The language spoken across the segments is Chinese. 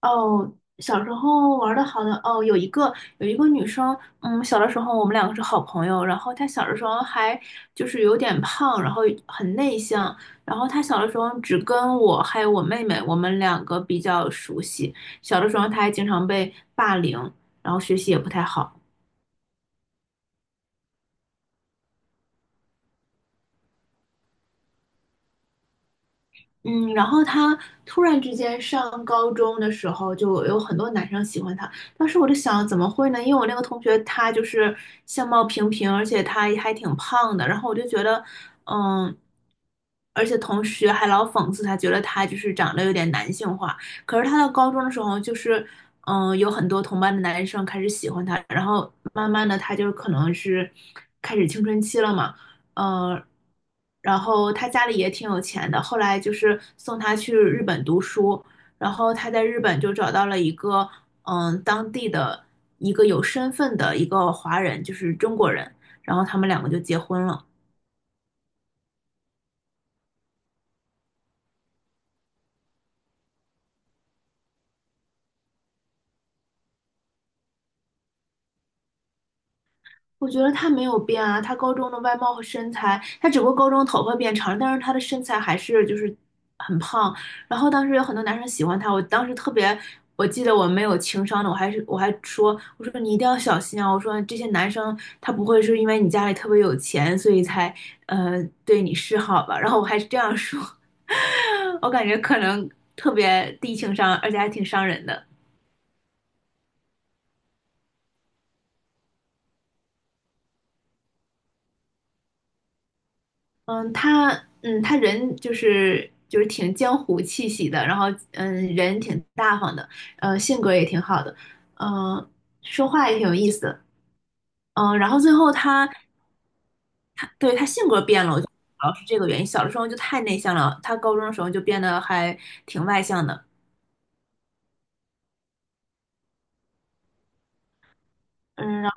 哦，小时候玩的好的哦，有一个女生，嗯，小的时候我们两个是好朋友，然后她小的时候还就是有点胖，然后很内向，然后她小的时候只跟我还有我妹妹，我们两个比较熟悉，小的时候她还经常被霸凌，然后学习也不太好。嗯，然后他突然之间上高中的时候，就有很多男生喜欢他。当时我就想，怎么会呢？因为我那个同学他就是相貌平平，而且他还挺胖的。然后我就觉得，嗯，而且同学还老讽刺他，觉得他就是长得有点男性化。可是他到高中的时候，就是嗯，有很多同班的男生开始喜欢他，然后慢慢的他就可能是开始青春期了嘛。嗯，然后他家里也挺有钱的，后来就是送他去日本读书，然后他在日本就找到了一个嗯当地的一个有身份的一个华人，就是中国人，然后他们两个就结婚了。我觉得她没有变啊，她高中的外貌和身材，她只不过高中头发变长了，但是她的身材还是就是很胖。然后当时有很多男生喜欢她，我当时特别，我记得我没有情商的，我还说，我说你一定要小心啊，我说这些男生他不会是因为你家里特别有钱，所以才对你示好吧？然后我还是这样说，我感觉可能特别低情商，而且还挺伤人的。嗯，他嗯，他人就是挺江湖气息的，然后嗯，人挺大方的，性格也挺好的，嗯、说话也挺有意思的，然后最后他对他性格变了，我觉得主要是这个原因。小的时候就太内向了，他高中的时候就变得还挺外向的，嗯，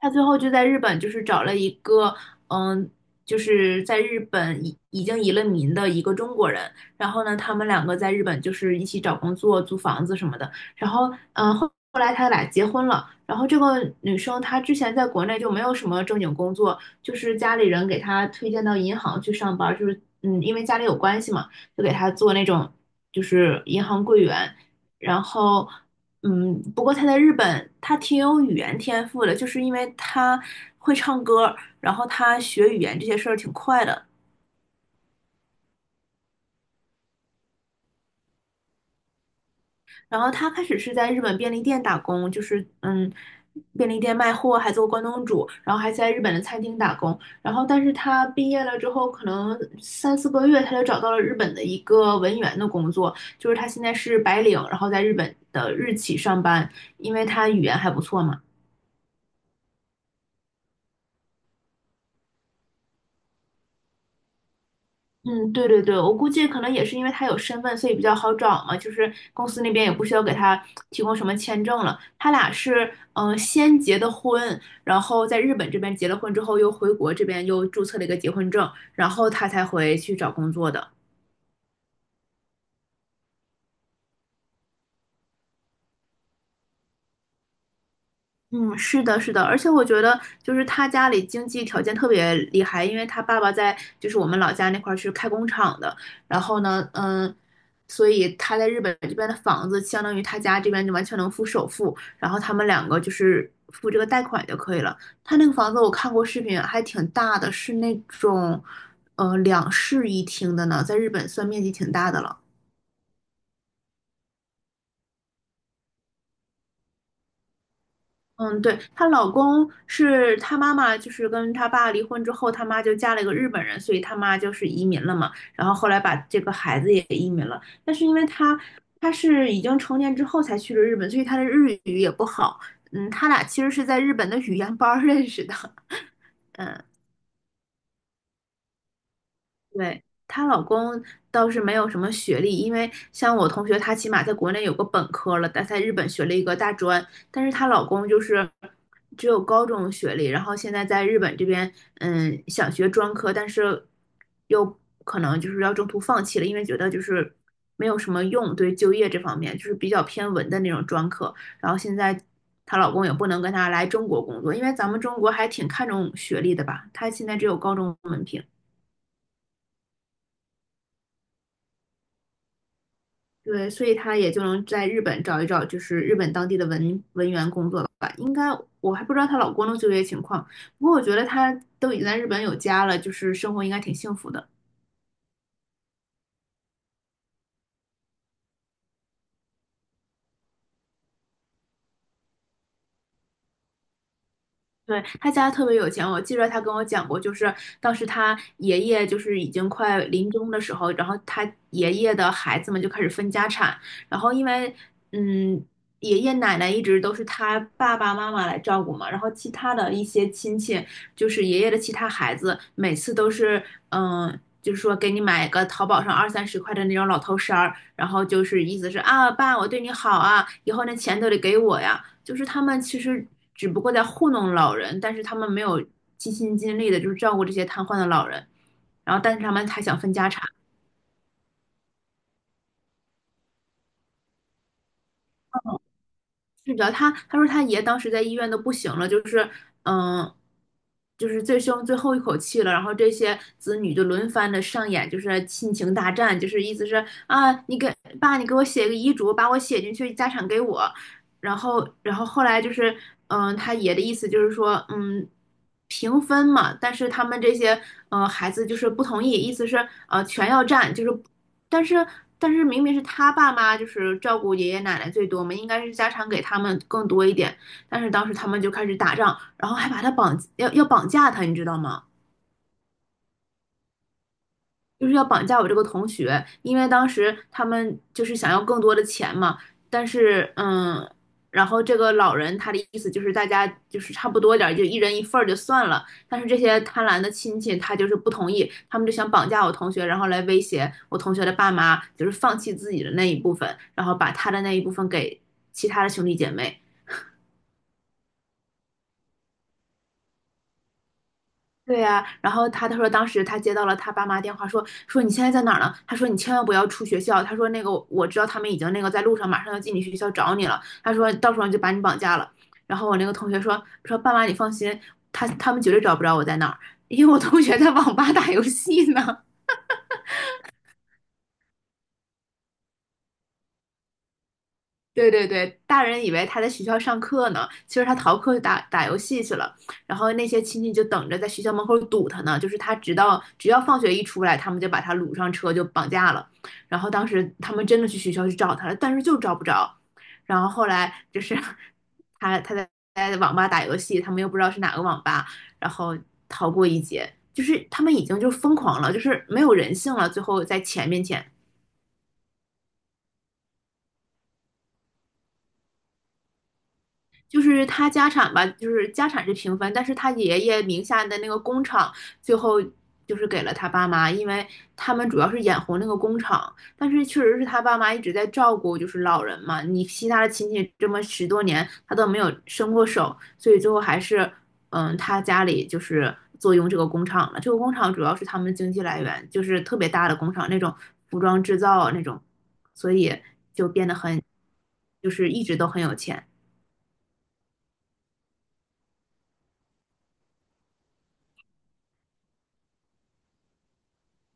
他最后就在日本，就是找了一个，嗯，就是在日本已经移了民的一个中国人。然后呢，他们两个在日本就是一起找工作、租房子什么的。然后，嗯，后来他俩结婚了。然后这个女生她之前在国内就没有什么正经工作，就是家里人给她推荐到银行去上班，就是嗯，因为家里有关系嘛，就给她做那种就是银行柜员。然后嗯，不过他在日本，他挺有语言天赋的，就是因为他会唱歌，然后他学语言这些事儿挺快的。然后他开始是在日本便利店打工，就是嗯，便利店卖货，还做关东煮，然后还在日本的餐厅打工。然后，但是他毕业了之后，可能三四个月，他就找到了日本的一个文员的工作，就是他现在是白领，然后在日本的日企上班，因为他语言还不错嘛。嗯，对对对，我估计可能也是因为他有身份，所以比较好找嘛。就是公司那边也不需要给他提供什么签证了。他俩是先结的婚，然后在日本这边结了婚之后，又回国这边又注册了一个结婚证，然后他才回去找工作的。嗯，是的，是的，而且我觉得就是他家里经济条件特别厉害，因为他爸爸在就是我们老家那块儿是开工厂的，然后呢，嗯，所以他在日本这边的房子相当于他家这边就完全能付首付，然后他们两个就是付这个贷款就可以了。他那个房子我看过视频，还挺大的，是那种两室一厅的呢，在日本算面积挺大的了。嗯，对，她老公是她妈妈，就是跟她爸离婚之后，她妈就嫁了一个日本人，所以她妈就是移民了嘛。然后后来把这个孩子也移民了，但是因为她是已经成年之后才去了日本，所以她的日语也不好。嗯，他俩其实是在日本的语言班儿认识的。嗯。对，她老公倒是没有什么学历，因为像我同学，她起码在国内有个本科了，但在日本学了一个大专，但是她老公就是只有高中学历，然后现在在日本这边，嗯，想学专科，但是又可能就是要中途放弃了，因为觉得就是没有什么用，对就业这方面就是比较偏文的那种专科，然后现在。她老公也不能跟她来中国工作，因为咱们中国还挺看重学历的吧？她现在只有高中文凭。对，所以他也就能在日本找一找，就是日本当地的文员工作了吧。应该我还不知道她老公的就业情况，不过我觉得他都已经在日本有家了，就是生活应该挺幸福的。对，他家特别有钱，我记得他跟我讲过，就是当时他爷爷就是已经快临终的时候，然后他爷爷的孩子们就开始分家产，然后因为嗯，爷爷奶奶一直都是他爸爸妈妈来照顾嘛，然后其他的一些亲戚，就是爷爷的其他孩子，每次都是嗯。就是说，给你买个淘宝上二三十块的那种老头衫儿，然后就是意思是啊，爸，我对你好啊，以后那钱都得给我呀。就是他们其实只不过在糊弄老人，但是他们没有尽心尽力的，就是照顾这些瘫痪的老人，然后但是他们还想分家产。是的，他说他爷当时在医院都不行了，就是嗯，就是最后一口气了，然后这些子女就轮番的上演，就是亲情大战，就是意思是啊，你给爸，你给我写个遗嘱，把我写进去，家产给我。然后，然后后来就是嗯，他爷的意思就是说，嗯，平分嘛，但是他们这些嗯，孩子就是不同意，意思是全要占，就是但是但是明明是他爸妈就是照顾爷爷奶奶最多嘛，应该是家产给他们更多一点。但是当时他们就开始打仗，然后还把他绑要要绑架他，你知道吗？就是要绑架我这个同学，因为当时他们就是想要更多的钱嘛，但是嗯，然后这个老人他的意思就是大家就是差不多点儿，就一人一份儿就算了，但是这些贪婪的亲戚他就是不同意，他们就想绑架我同学，然后来威胁我同学的爸妈，就是放弃自己的那一部分，然后把他的那一部分给其他的兄弟姐妹。对呀、然后他说当时他接到了他爸妈电话说，说你现在在哪儿呢？他说你千万不要出学校，他说那个我知道他们已经那个在路上，马上要进你学校找你了，他说到时候就把你绑架了。然后我那个同学说爸妈你放心，他们绝对找不着我在哪儿，因为我同学在网吧打游戏呢。对对对，大人以为他在学校上课呢，其实他逃课去打游戏去了。然后那些亲戚就等着在学校门口堵他呢，就是他直到只要放学一出来，他们就把他掳上车就绑架了。然后当时他们真的去学校去找他了，但是就找不着。然后后来就是 他在在网吧打游戏，他们又不知道是哪个网吧，然后逃过一劫。就是他们已经就疯狂了，就是没有人性了。最后在钱面前，就是他家产吧，就是家产是平分，但是他爷爷名下的那个工厂最后就是给了他爸妈，因为他们主要是眼红那个工厂，但是确实是他爸妈一直在照顾就是老人嘛，你其他的亲戚这么十多年他都没有伸过手，所以最后还是嗯他家里就是坐拥这个工厂了，这个工厂主要是他们的经济来源，就是特别大的工厂那种服装制造啊那种，所以就变得很就是一直都很有钱。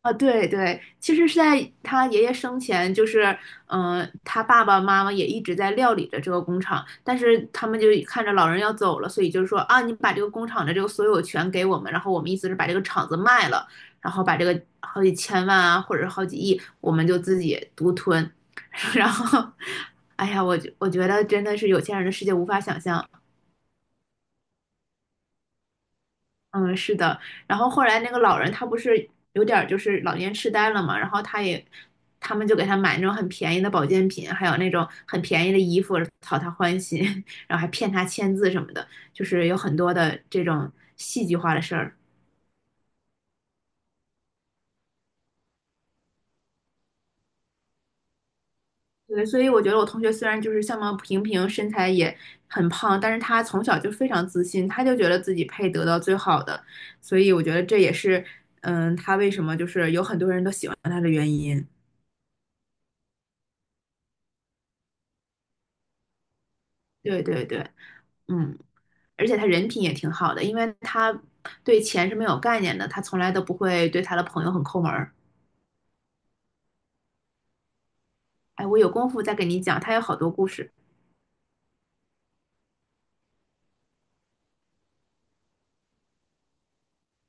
啊，对对，其实是在他爷爷生前，就是，嗯、他爸爸妈妈也一直在料理着这个工厂，但是他们就看着老人要走了，所以就是说啊，你把这个工厂的这个所有权给我们，然后我们意思是把这个厂子卖了，然后把这个好几千万啊，或者是好几亿，我们就自己独吞，然后，哎呀，我觉得真的是有钱人的世界无法想象。嗯，是的。然后后来那个老人他不是有点儿就是老年痴呆了嘛，然后他也，他们就给他买那种很便宜的保健品，还有那种很便宜的衣服，讨他欢心，然后还骗他签字什么的，就是有很多的这种戏剧化的事儿。对，所以我觉得我同学虽然就是相貌平平，身材也很胖，但是他从小就非常自信，他就觉得自己配得到最好的，所以我觉得这也是，嗯，他为什么就是有很多人都喜欢他的原因。对对对。嗯，而且他人品也挺好的，因为他对钱是没有概念的，他从来都不会对他的朋友很抠门儿。哎，我有功夫再给你讲，他有好多故事。